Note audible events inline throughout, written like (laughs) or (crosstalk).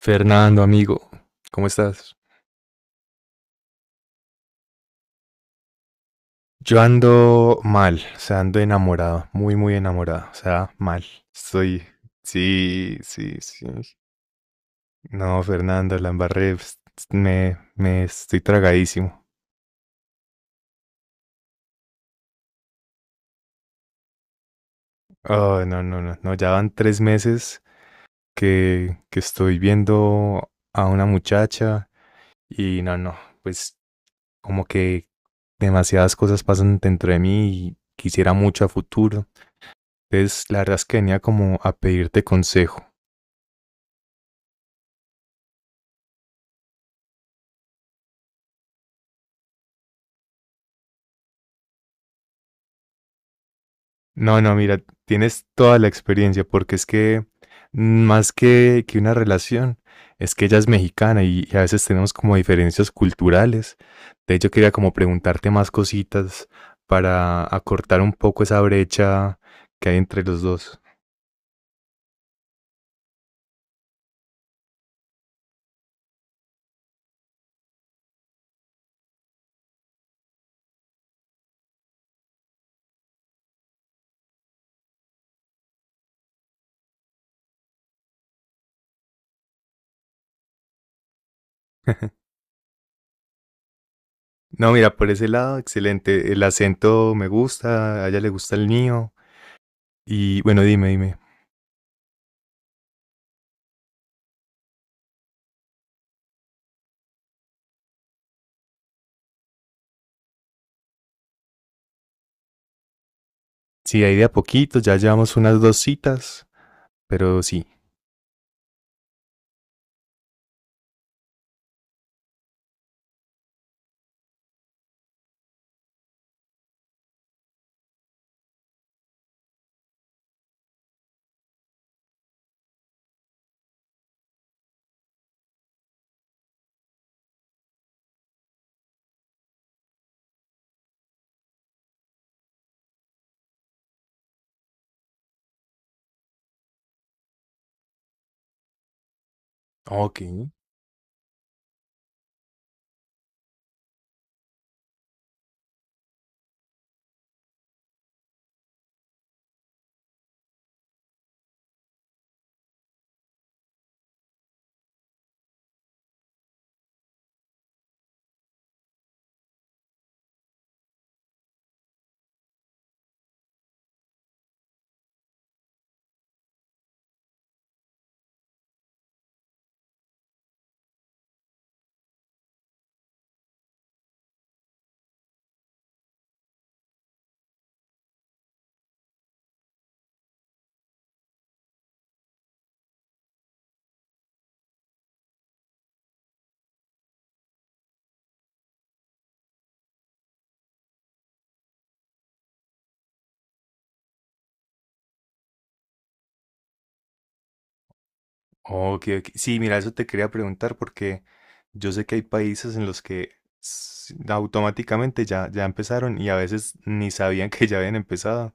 Fernando, amigo, ¿cómo estás? Yo ando mal, o sea, ando enamorado, muy, muy enamorado, o sea, mal. Estoy, sí, sí, sí. No, Fernando, la embarré, pues, me estoy tragadísimo. Oh, no, no, no, no, ya van 3 meses que estoy viendo a una muchacha y no, no, pues como que demasiadas cosas pasan dentro de mí y quisiera mucho a futuro. Entonces, la verdad es que venía como a pedirte consejo. No, no, mira, tienes toda la experiencia, porque es que más que una relación, es que ella es mexicana y a veces tenemos como diferencias culturales. De hecho, quería como preguntarte más cositas para acortar un poco esa brecha que hay entre los dos. (laughs) No, mira, por ese lado, excelente. El acento me gusta, a ella le gusta el mío. Y bueno, dime, dime. Sí, ahí de a poquito, ya llevamos unas dos citas, pero sí. Ok. Ok, ok. Sí, mira, eso te quería preguntar porque yo sé que hay países en los que automáticamente ya empezaron y a veces ni sabían (laughs) que ya habían empezado.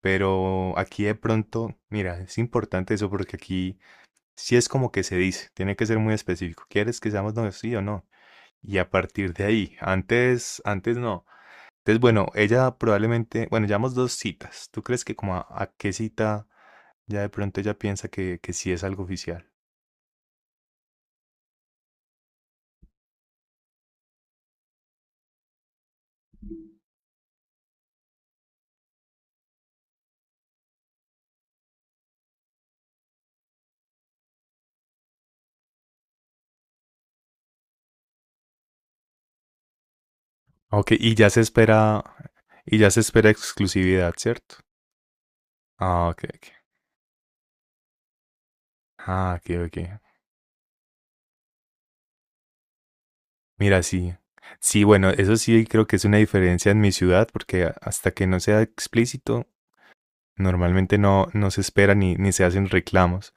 Pero aquí de pronto, mira, es importante eso porque aquí sí es como que se dice, tiene que ser muy específico. ¿Quieres que seamos novios, sí o no? Y a partir de ahí, antes, antes no. Entonces, bueno, ella probablemente, bueno, llevamos dos citas. ¿Tú crees que como a qué cita ya de pronto ella piensa que sí es algo oficial? Ok, y ya se espera exclusividad, ¿cierto? Ah, ok, ok. Ah, ok, ok. Mira, sí. Sí, bueno, eso sí creo que es una diferencia en mi ciudad, porque hasta que no sea explícito, normalmente no se espera ni se hacen reclamos.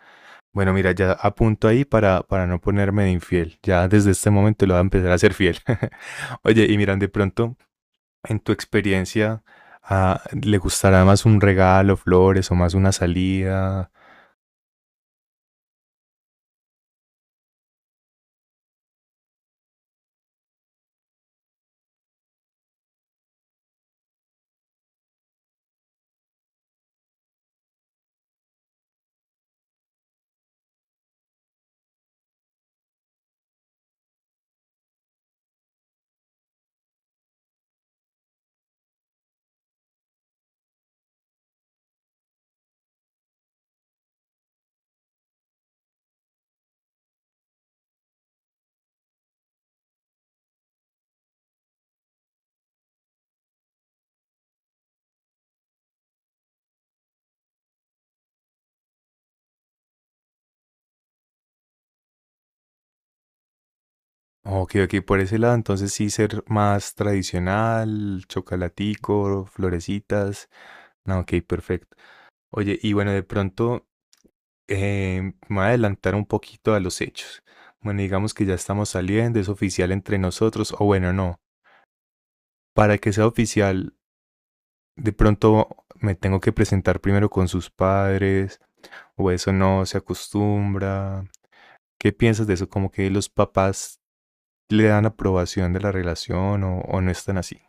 Bueno, mira, ya apunto ahí para no ponerme de infiel. Ya desde este momento lo voy a empezar a ser fiel. (laughs) Oye, y miran, de pronto, en tu experiencia, ah, ¿le gustará más un regalo, flores o más una salida? Ok, ok, por ese lado, entonces sí ser más tradicional, chocolatico, florecitas. No, ok, perfecto. Oye, y bueno, de pronto eh, me voy a adelantar un poquito a los hechos. Bueno, digamos que ya estamos saliendo, es oficial entre nosotros, o bueno, no. Para que sea oficial, de pronto me tengo que presentar primero con sus padres, o eso no se acostumbra. ¿Qué piensas de eso? Como que los papás le dan aprobación de la relación o no están así.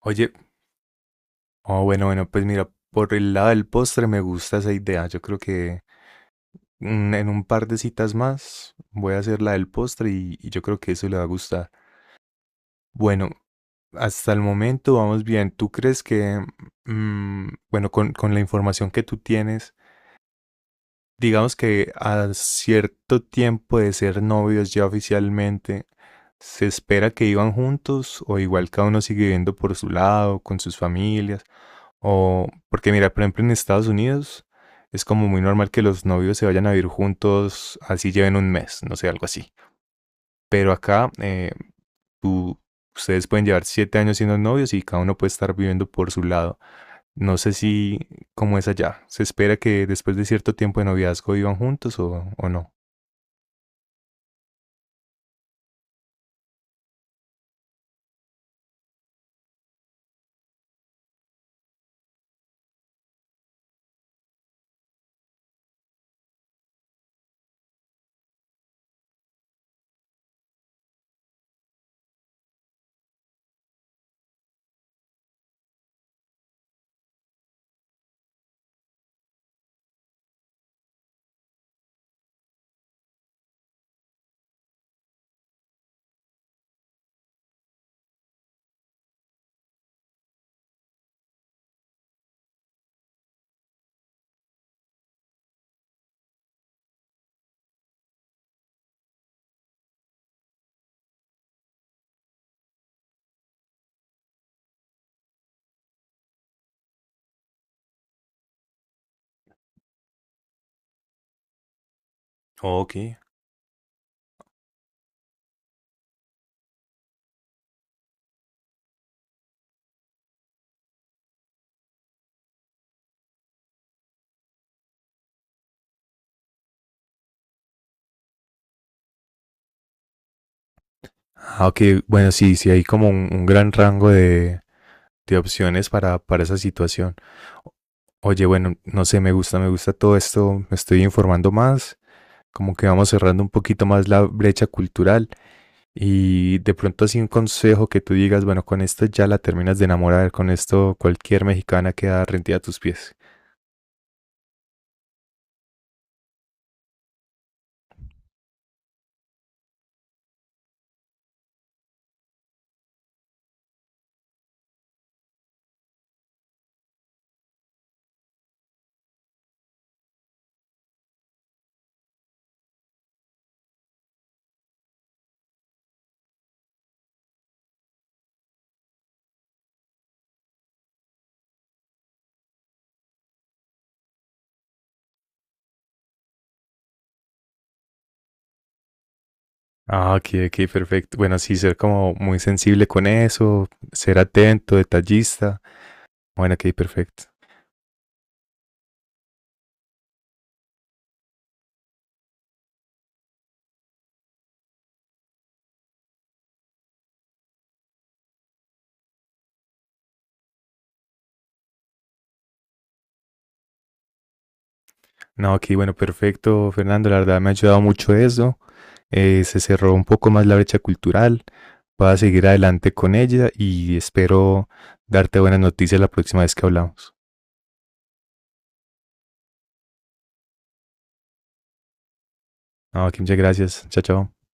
Oye. Oh, bueno, bueno, pues mira, por el lado del postre me gusta esa idea. Yo creo que en un par de citas más voy a hacer la del postre y yo creo que eso le va a gustar. Bueno, hasta el momento vamos bien. ¿Tú crees que bueno, con, la información que tú tienes, digamos que a cierto tiempo de ser novios ya oficialmente, se espera que iban juntos o igual cada uno sigue viviendo por su lado, con sus familias? O, porque mira, por ejemplo, en Estados Unidos es como muy normal que los novios se vayan a vivir juntos, así lleven un mes, no sé, algo así. Pero acá tú- ustedes pueden llevar 7 años siendo novios y cada uno puede estar viviendo por su lado. No sé si cómo es allá. ¿Se espera que después de cierto tiempo de noviazgo vivan juntos o no? Ok. Ah, ok, bueno, sí, sí hay como un gran rango de opciones para esa situación. Oye, bueno, no sé, me gusta todo esto, me estoy informando más, como que vamos cerrando un poquito más la brecha cultural y de pronto así un consejo que tú digas, bueno, con esto ya la terminas de enamorar, con esto cualquier mexicana queda rendida a tus pies. Ah, ok, ok, perfecto. Bueno, sí, ser como muy sensible con eso, ser atento, detallista. Bueno, ok, perfecto. No, ok, bueno, perfecto, Fernando, la verdad me ha ayudado mucho eso. Se cerró un poco más la brecha cultural. Voy a seguir adelante con ella y espero darte buenas noticias la próxima vez que hablamos. No, aquí muchas gracias. Chao, chao.